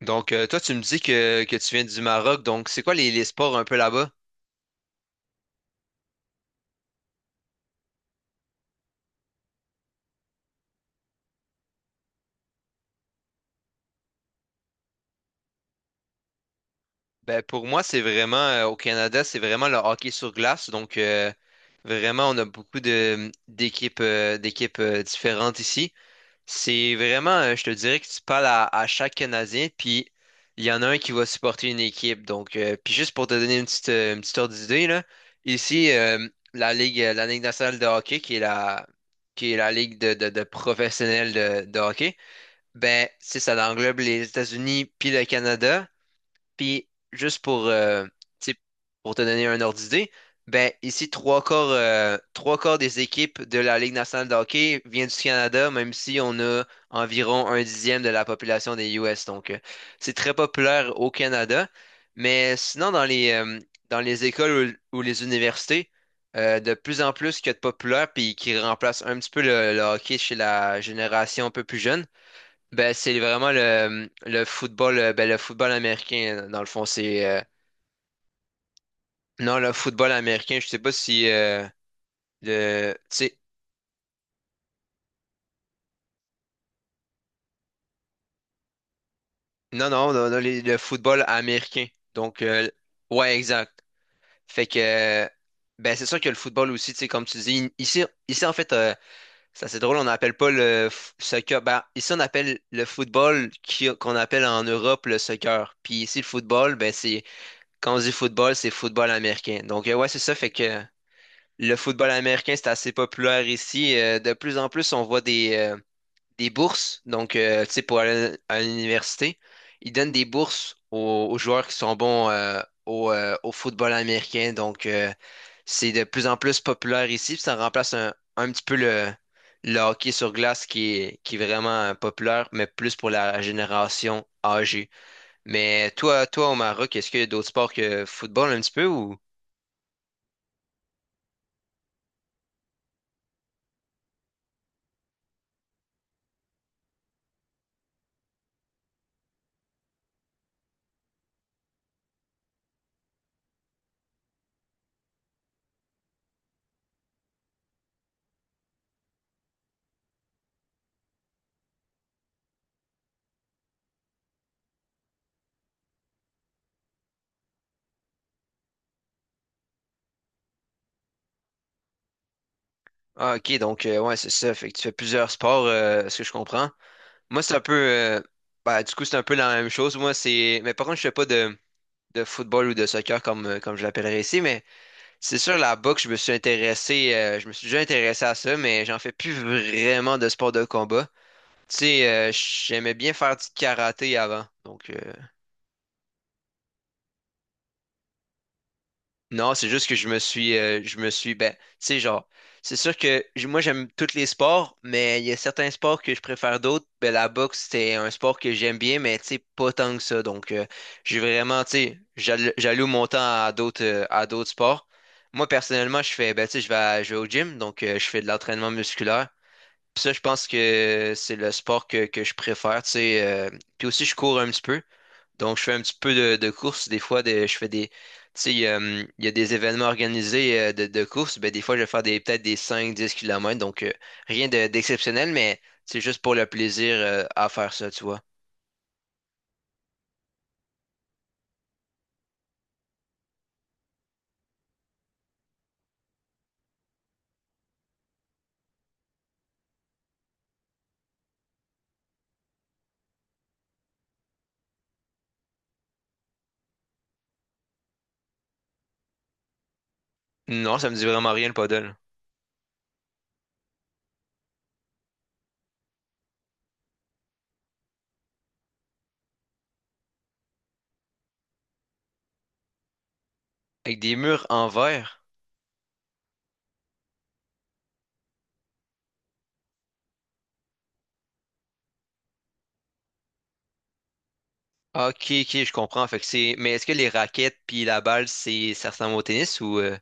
Toi, tu me dis que tu viens du Maroc, donc c'est quoi les sports un peu là-bas? Ben, pour moi, c'est vraiment, au Canada, c'est vraiment le hockey sur glace. Vraiment, on a beaucoup d'équipes, d'équipes différentes ici. C'est vraiment, je te dirais que tu parles à chaque Canadien, puis il y en a un qui va supporter une équipe. Puis juste pour te donner une petite ordre d'idée, là, ici, la Ligue nationale de hockey, qui est qui est la Ligue de professionnels de hockey. Ben, ça englobe les États-Unis puis le Canada. Puis juste pour, tu sais, pour te donner un ordre d'idée, ben ici, trois quarts des équipes de la Ligue nationale de hockey viennent du Canada, même si on a environ un dixième de la population des US. C'est très populaire au Canada. Mais sinon, dans dans les écoles ou les universités, de plus en plus qu'il y a de populaires puis qui remplacent un petit peu le hockey chez la génération un peu plus jeune. Ben, c'est vraiment le football, le football américain, dans le fond, non, le football américain, je sais pas si, le, tu sais, non, non, non, non, le football américain. Donc, euh, ouais, exact. Fait que, euh, ben, c'est sûr que le football aussi, tu sais, comme tu dis, ici, en fait, c'est assez drôle, on n'appelle pas soccer, ben, ici, on appelle le football qu'on appelle en Europe le soccer. Puis ici, le football, ben, c'est, quand on dit football, c'est football américain. Ouais, c'est ça, le football américain, c'est assez populaire ici. De plus en plus, on voit des bourses. Tu sais, pour aller à l'université, ils donnent des bourses aux joueurs qui sont bons au, au football américain. C'est de plus en plus populaire ici. Puis ça remplace un petit peu le hockey sur glace qui est vraiment populaire, mais plus pour la génération âgée. Mais toi au Maroc, est-ce qu'il y a d'autres sports que football un petit peu ou? Ah, ok, ouais, c'est ça. Fait que tu fais plusieurs sports, ce que je comprends. Moi, c'est un peu c'est un peu la même chose. Moi, c'est. Mais par contre, je fais pas de, de football ou de soccer comme, comme je l'appellerais ici, mais c'est sûr la boxe, je me suis déjà intéressé à ça, mais j'en fais plus vraiment de sport de combat. Tu sais, j'aimais bien faire du karaté avant. Non, c'est juste que je me suis, ben, tu sais, genre, c'est sûr que moi j'aime tous les sports, mais il y a certains sports que je préfère d'autres. Ben, la boxe, c'est un sport que j'aime bien, mais tu sais, pas tant que ça. J'ai vraiment, tu sais, j'alloue mon temps à d'autres sports. Moi, personnellement, je fais, ben, tu sais, je vais au gym, je fais de l'entraînement musculaire. Puis ça, je pense que c'est le sport que je préfère, tu sais. Puis aussi, je cours un petit peu. Donc, je fais un petit peu de course. Je fais des. Tu sais, il y a des événements organisés de course. Ben, des fois, je vais faire des, peut-être des 5 10 kilomètres. Rien d'exceptionnel, mais c'est juste pour le plaisir à faire ça, tu vois. Non, ça me dit vraiment rien le paddle. Avec des murs en verre. Ah, ok, ok, je comprends. Fait que c'est. Mais est-ce que les raquettes puis la balle, c'est ça ressemble au tennis ou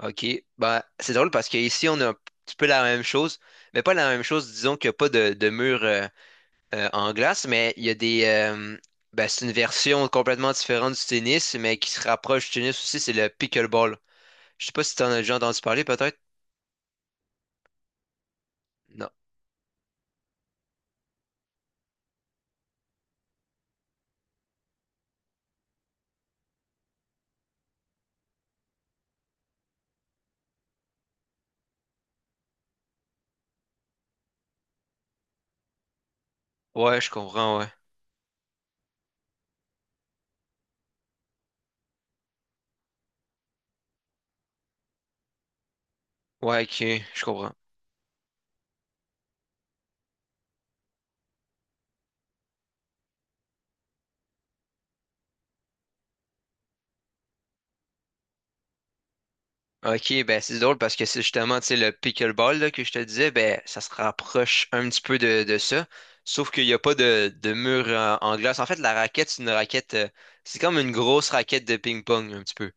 ok. Bah c'est drôle parce qu'ici, on a un petit peu la même chose. Mais pas la même chose, disons qu'il n'y a pas de mur. En glace, mais il y a des. Ben, c'est une version complètement différente du tennis, mais qui se rapproche du tennis aussi, c'est le pickleball. Je sais pas si t'en as déjà entendu parler, peut-être? Non. Ouais, je comprends, ouais. Ouais, ok, je comprends. Ok, ben c'est drôle parce que c'est justement, tu sais, le pickleball là, que je te disais, ben ça se rapproche un petit peu de ça, sauf qu'il n'y a pas de mur en glace. En fait, la raquette, c'est une raquette, c'est comme une grosse raquette de ping-pong, un petit peu.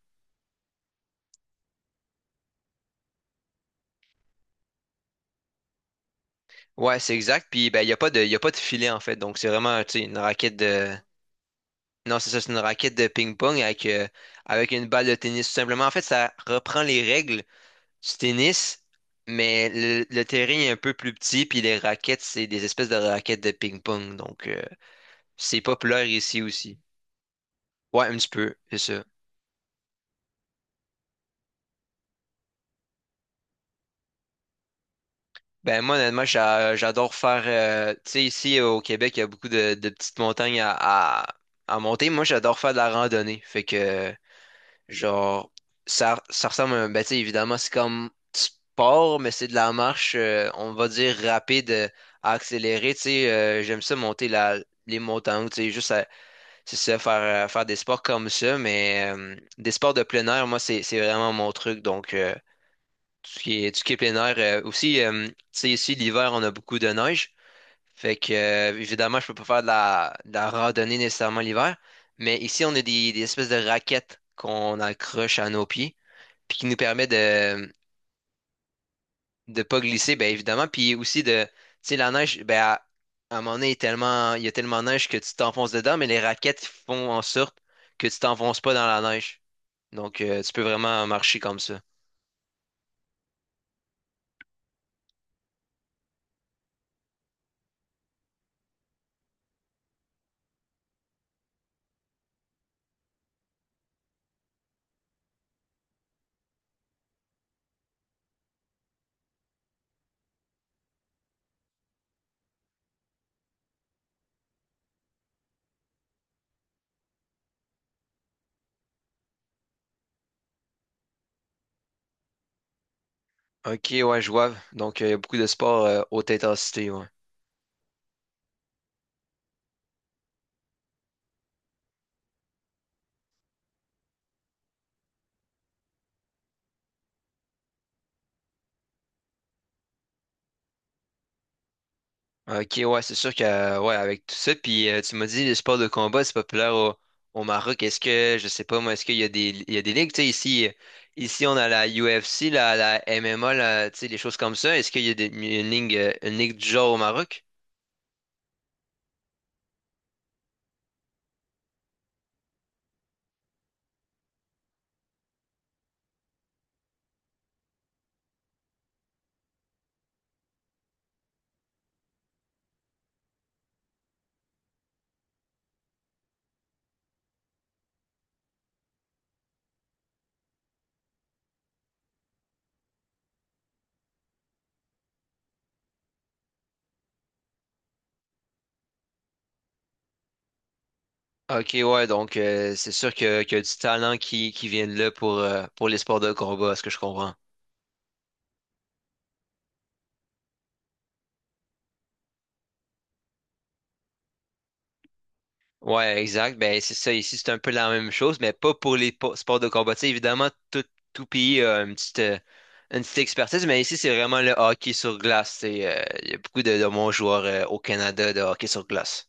Ouais, c'est exact, puis ben il n'y a pas de, il y a pas de filet, en fait, donc c'est vraiment, tu sais, une raquette de, non, c'est ça, c'est une raquette de ping-pong avec, avec une balle de tennis, tout simplement. En fait, ça reprend les règles du tennis, mais le terrain est un peu plus petit, puis les raquettes, c'est des espèces de raquettes de ping-pong. C'est populaire ici aussi. Ouais, un petit peu, c'est ça. Ben, moi, honnêtement, j'adore faire. Tu sais, ici au Québec, il y a beaucoup de petites montagnes à, à monter. Moi, j'adore faire de la randonnée. Fait que. Genre, ça ressemble à un. Ben, tu sais, évidemment, c'est comme sport, mais c'est de la marche, on va dire, rapide, accélérée. Tu sais, j'aime ça monter les montagnes, tu sais, c'est ça, faire, faire des sports comme ça, mais des sports de plein air, moi, c'est vraiment mon truc. Tout ce qui est, tout ce qui est plein air. Aussi, tu sais, ici, l'hiver, on a beaucoup de neige. Évidemment, je peux pas faire de de la randonnée nécessairement l'hiver, mais ici, on a des espèces de raquettes qu'on accroche à nos pieds puis qui nous permet de pas glisser, ben évidemment, puis aussi de, tu sais, la neige, ben à un moment donné, il est tellement, il y a tellement de neige que tu t'enfonces dedans, mais les raquettes font en sorte que tu t'enfonces pas dans la neige. Tu peux vraiment marcher comme ça. Ok, ouais, je vois. Il y a beaucoup de sports haute intensité, ouais. Ok, ouais, c'est sûr que, ouais, avec tout ça, puis tu m'as dit, le sport de combat, c'est populaire au Maroc. Est-ce que, je sais pas, moi, est-ce qu'il y a des, il y a des ligues, tu sais, ici, on a la UFC, la MMA, tu sais, des choses comme ça. Est-ce qu'il y a une ligue du genre au Maroc? Ok, ouais, c'est sûr que, qu'il y a du talent qui vient de là pour les sports de combat, à ce que je comprends. Ouais, exact. Ben, c'est ça. Ici, c'est un peu la même chose, mais pas pour les sports de combat. Tu sais, évidemment, tout pays a une petite expertise, mais ici, c'est vraiment le hockey sur glace. Tu sais, il y a beaucoup de bons joueurs au Canada de hockey sur glace.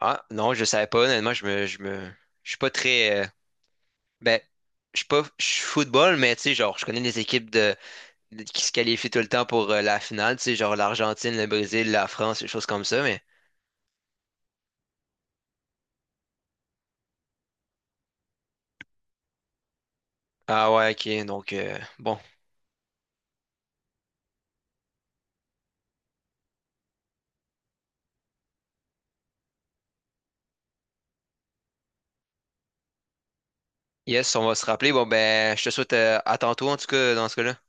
Ah, non, je savais pas. Honnêtement, je suis pas très. Ben, je suis pas. Je suis football, mais tu sais, genre, je connais les équipes qui se qualifient tout le temps pour la finale. Tu sais, genre l'Argentine, le Brésil, la France, des choses comme ça, mais. Ah ouais, ok. Bon. Yes, on va se rappeler. Bon, ben, je te souhaite à tantôt, en tout cas, dans ce cas-là.